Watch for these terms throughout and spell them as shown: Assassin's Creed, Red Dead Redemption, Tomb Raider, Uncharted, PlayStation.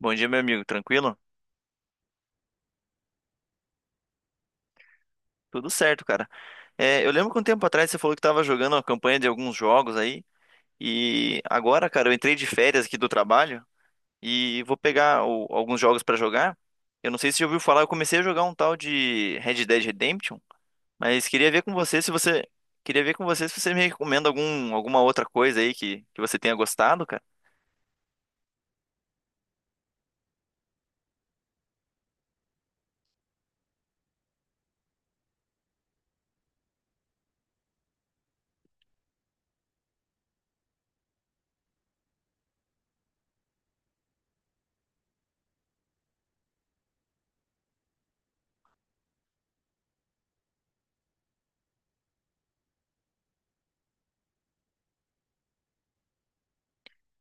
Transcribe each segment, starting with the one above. Bom dia, meu amigo. Tranquilo? Tudo certo, cara. É, eu lembro que um tempo atrás você falou que estava jogando a campanha de alguns jogos aí. E agora, cara, eu entrei de férias aqui do trabalho e vou pegar alguns jogos pra jogar. Eu não sei se você já ouviu falar, eu comecei a jogar um tal de Red Dead Redemption, mas queria ver com você se você me recomenda alguma outra coisa aí que você tenha gostado, cara.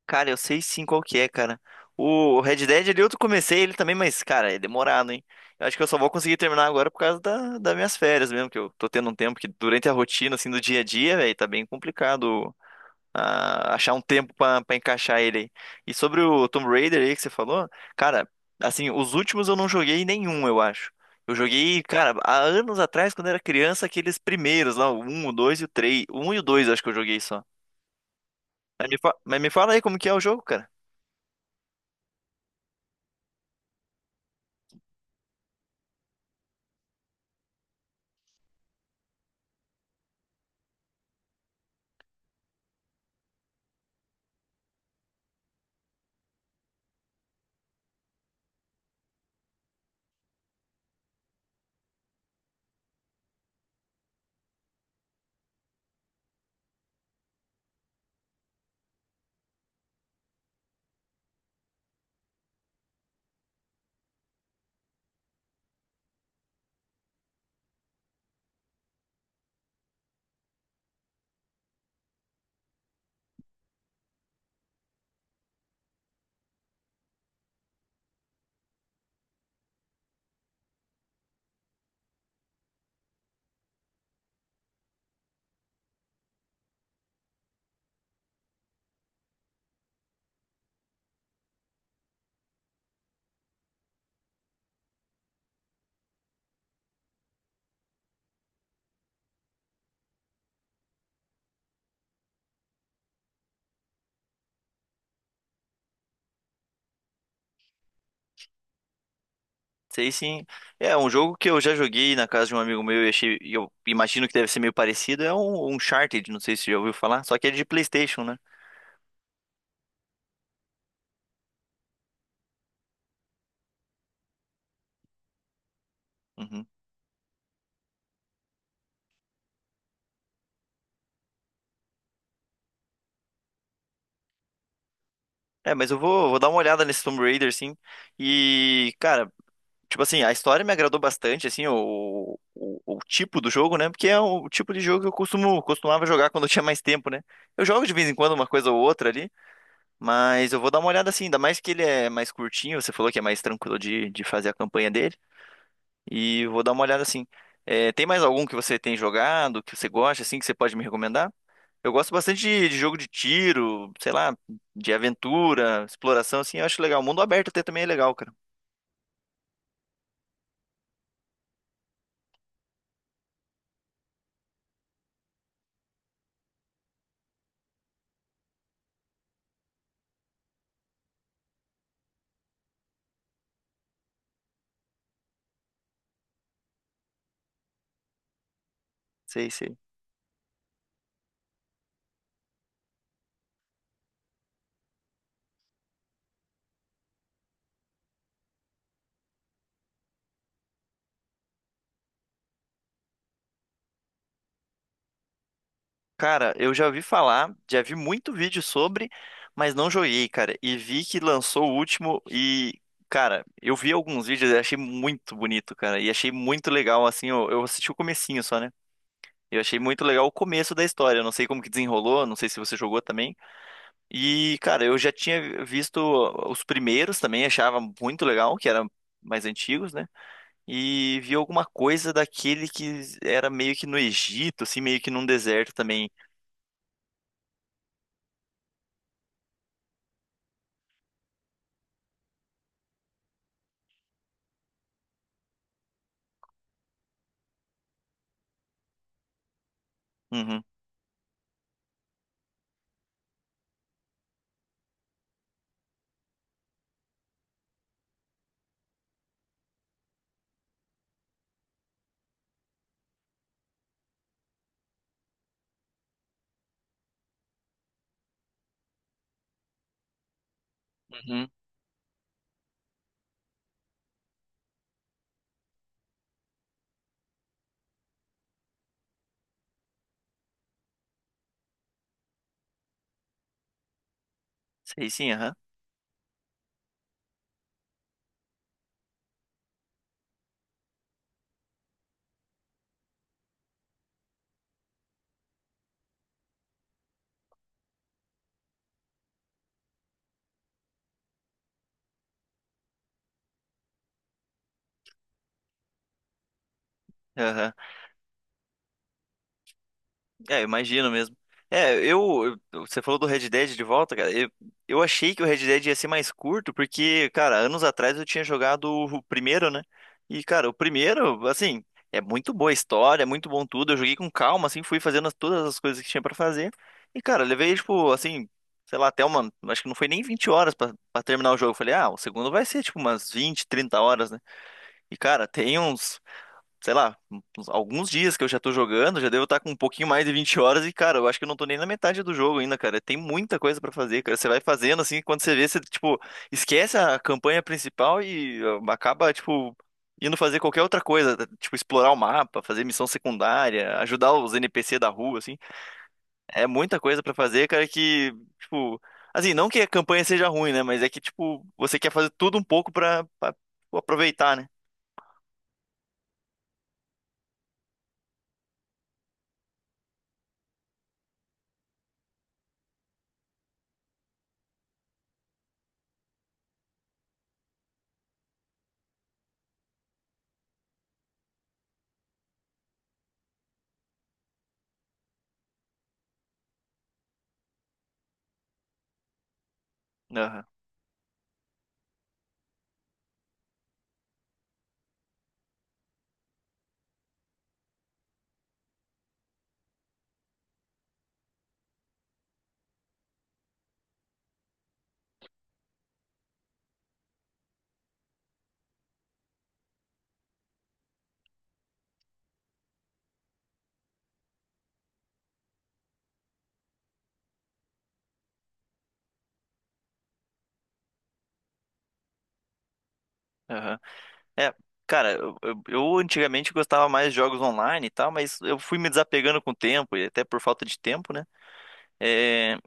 Cara, eu sei sim qual que é, cara. O Red Dead ali eu comecei ele também, mas, cara, é demorado, hein? Eu acho que eu só vou conseguir terminar agora por causa das minhas férias mesmo, que eu tô tendo um tempo que durante a rotina, assim, do dia a dia, velho, tá bem complicado achar um tempo pra encaixar ele aí. E sobre o Tomb Raider aí que você falou, cara, assim, os últimos eu não joguei nenhum, eu acho. Eu joguei, cara, há anos atrás, quando era criança, aqueles primeiros lá, o 1, o 2 e o 3. O 1 e o 2 eu acho que eu joguei só. Mas me fala aí como que é o jogo, cara. Sei sim. É, um jogo que eu já joguei na casa de um amigo meu e achei, e eu imagino que deve ser meio parecido, é um Uncharted, não sei se você já ouviu falar, só que é de PlayStation, né? Uhum. É, mas eu vou dar uma olhada nesse Tomb Raider, sim. E, cara, tipo assim, a história me agradou bastante, assim, o tipo do jogo, né? Porque é o tipo de jogo que eu costumava jogar quando eu tinha mais tempo, né? Eu jogo de vez em quando uma coisa ou outra ali, mas eu vou dar uma olhada assim, ainda mais que ele é mais curtinho, você falou que é mais tranquilo de fazer a campanha dele. E vou dar uma olhada assim. É, tem mais algum que você tem jogado, que você gosta, assim, que você pode me recomendar? Eu gosto bastante de jogo de tiro, sei lá, de aventura, exploração, assim, eu acho legal. O mundo aberto até também é legal, cara. Sei, sei. Cara, eu já ouvi falar, já vi muito vídeo sobre, mas não joguei, cara. E vi que lançou o último e, cara, eu vi alguns vídeos e achei muito bonito, cara. E achei muito legal, assim, eu assisti o comecinho só, né? Eu achei muito legal o começo da história. Eu não sei como que desenrolou, não sei se você jogou também. E, cara, eu já tinha visto os primeiros também, achava muito legal, que eram mais antigos, né? E vi alguma coisa daquele que era meio que no Egito, assim, meio que num deserto também. Uhum, uhum. Sei sim, aham, aham. É, eu imagino mesmo. É, você falou do Red Dead de volta, cara. Eu achei que o Red Dead ia ser mais curto, porque, cara, anos atrás eu tinha jogado o primeiro, né? E, cara, o primeiro, assim, é muito boa a história, é muito bom tudo. Eu joguei com calma, assim, fui fazendo todas as coisas que tinha pra fazer. E, cara, eu levei, tipo, assim, sei lá, até uma. Acho que não foi nem 20 horas pra terminar o jogo. Eu falei, ah, o segundo vai ser, tipo, umas 20, 30 horas, né? E, cara, tem uns sei lá, alguns dias que eu já tô jogando, já devo estar com um pouquinho mais de 20 horas e, cara, eu acho que eu não tô nem na metade do jogo ainda, cara. Tem muita coisa pra fazer, cara. Você vai fazendo assim, quando você vê, você, tipo, esquece a campanha principal e ah, acaba, tipo, indo fazer qualquer outra coisa, tipo, explorar o mapa, fazer missão secundária, ajudar os NPC da rua, assim. É muita coisa pra fazer, cara, que, tipo, assim, não que a campanha seja ruim, né, mas é que, tipo, você quer fazer tudo um pouco pra, tipo, aproveitar, né? Aham, aham. É, cara, eu antigamente gostava mais de jogos online e tal, mas eu fui me desapegando com o tempo, e até por falta de tempo, né? É,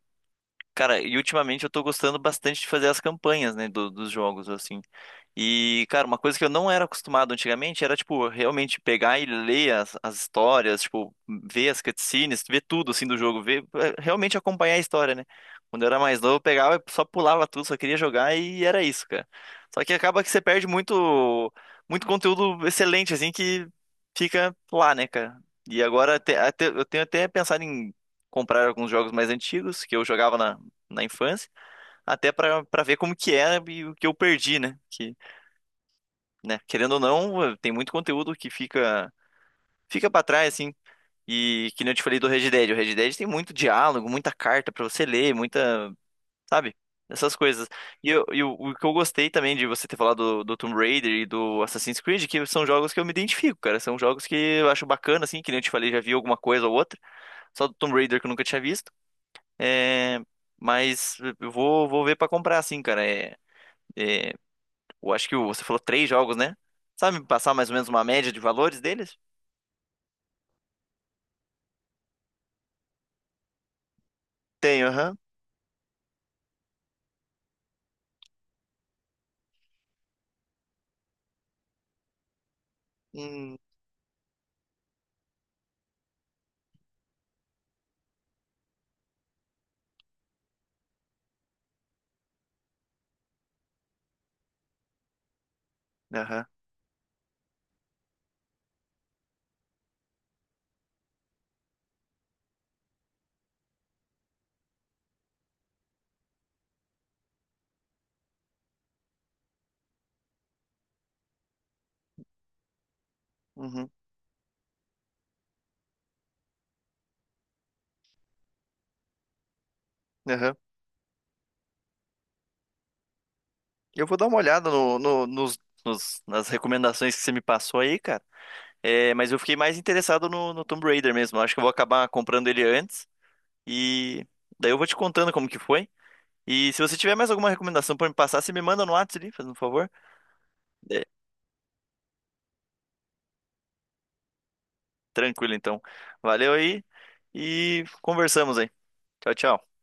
cara, e ultimamente eu tô gostando bastante de fazer as campanhas, né, dos jogos, assim. E, cara, uma coisa que eu não era acostumado antigamente era, tipo, realmente pegar e ler as histórias, tipo, ver as cutscenes, ver tudo, assim, do jogo, ver, é, realmente acompanhar a história, né? Quando eu era mais novo, eu pegava e só pulava tudo, só queria jogar e era isso, cara. Só que acaba que você perde muito, muito conteúdo excelente, assim, que fica lá, né, cara? E agora eu tenho até pensado em comprar alguns jogos mais antigos que eu jogava na na infância, até pra para ver como que é e o que eu perdi, né? Que, né, querendo ou não, tem muito conteúdo que fica para trás assim. E que nem eu te falei do Red Dead, o Red Dead tem muito diálogo, muita carta pra você ler, muita, sabe? Essas coisas. O que eu gostei também de você ter falado do Tomb Raider e do Assassin's Creed, que são jogos que eu me identifico, cara. São jogos que eu acho bacana, assim, que nem eu te falei, já vi alguma coisa ou outra. Só do Tomb Raider que eu nunca tinha visto. É, mas eu vou ver pra comprar, assim, cara. É, Eu acho que você falou 3 jogos, né? Sabe me passar mais ou menos uma média de valores deles? Tenho, aham. Hum, aham, uhum, aham. Eu vou dar uma olhada nas recomendações que você me passou aí, cara. É, mas eu fiquei mais interessado no Tomb Raider mesmo. Eu acho que eu vou acabar comprando ele antes. E daí eu vou te contando como que foi. E se você tiver mais alguma recomendação pra me passar, você me manda no WhatsApp ali, fazendo um favor. É, tranquilo, então. Valeu aí e conversamos aí. Tchau, tchau.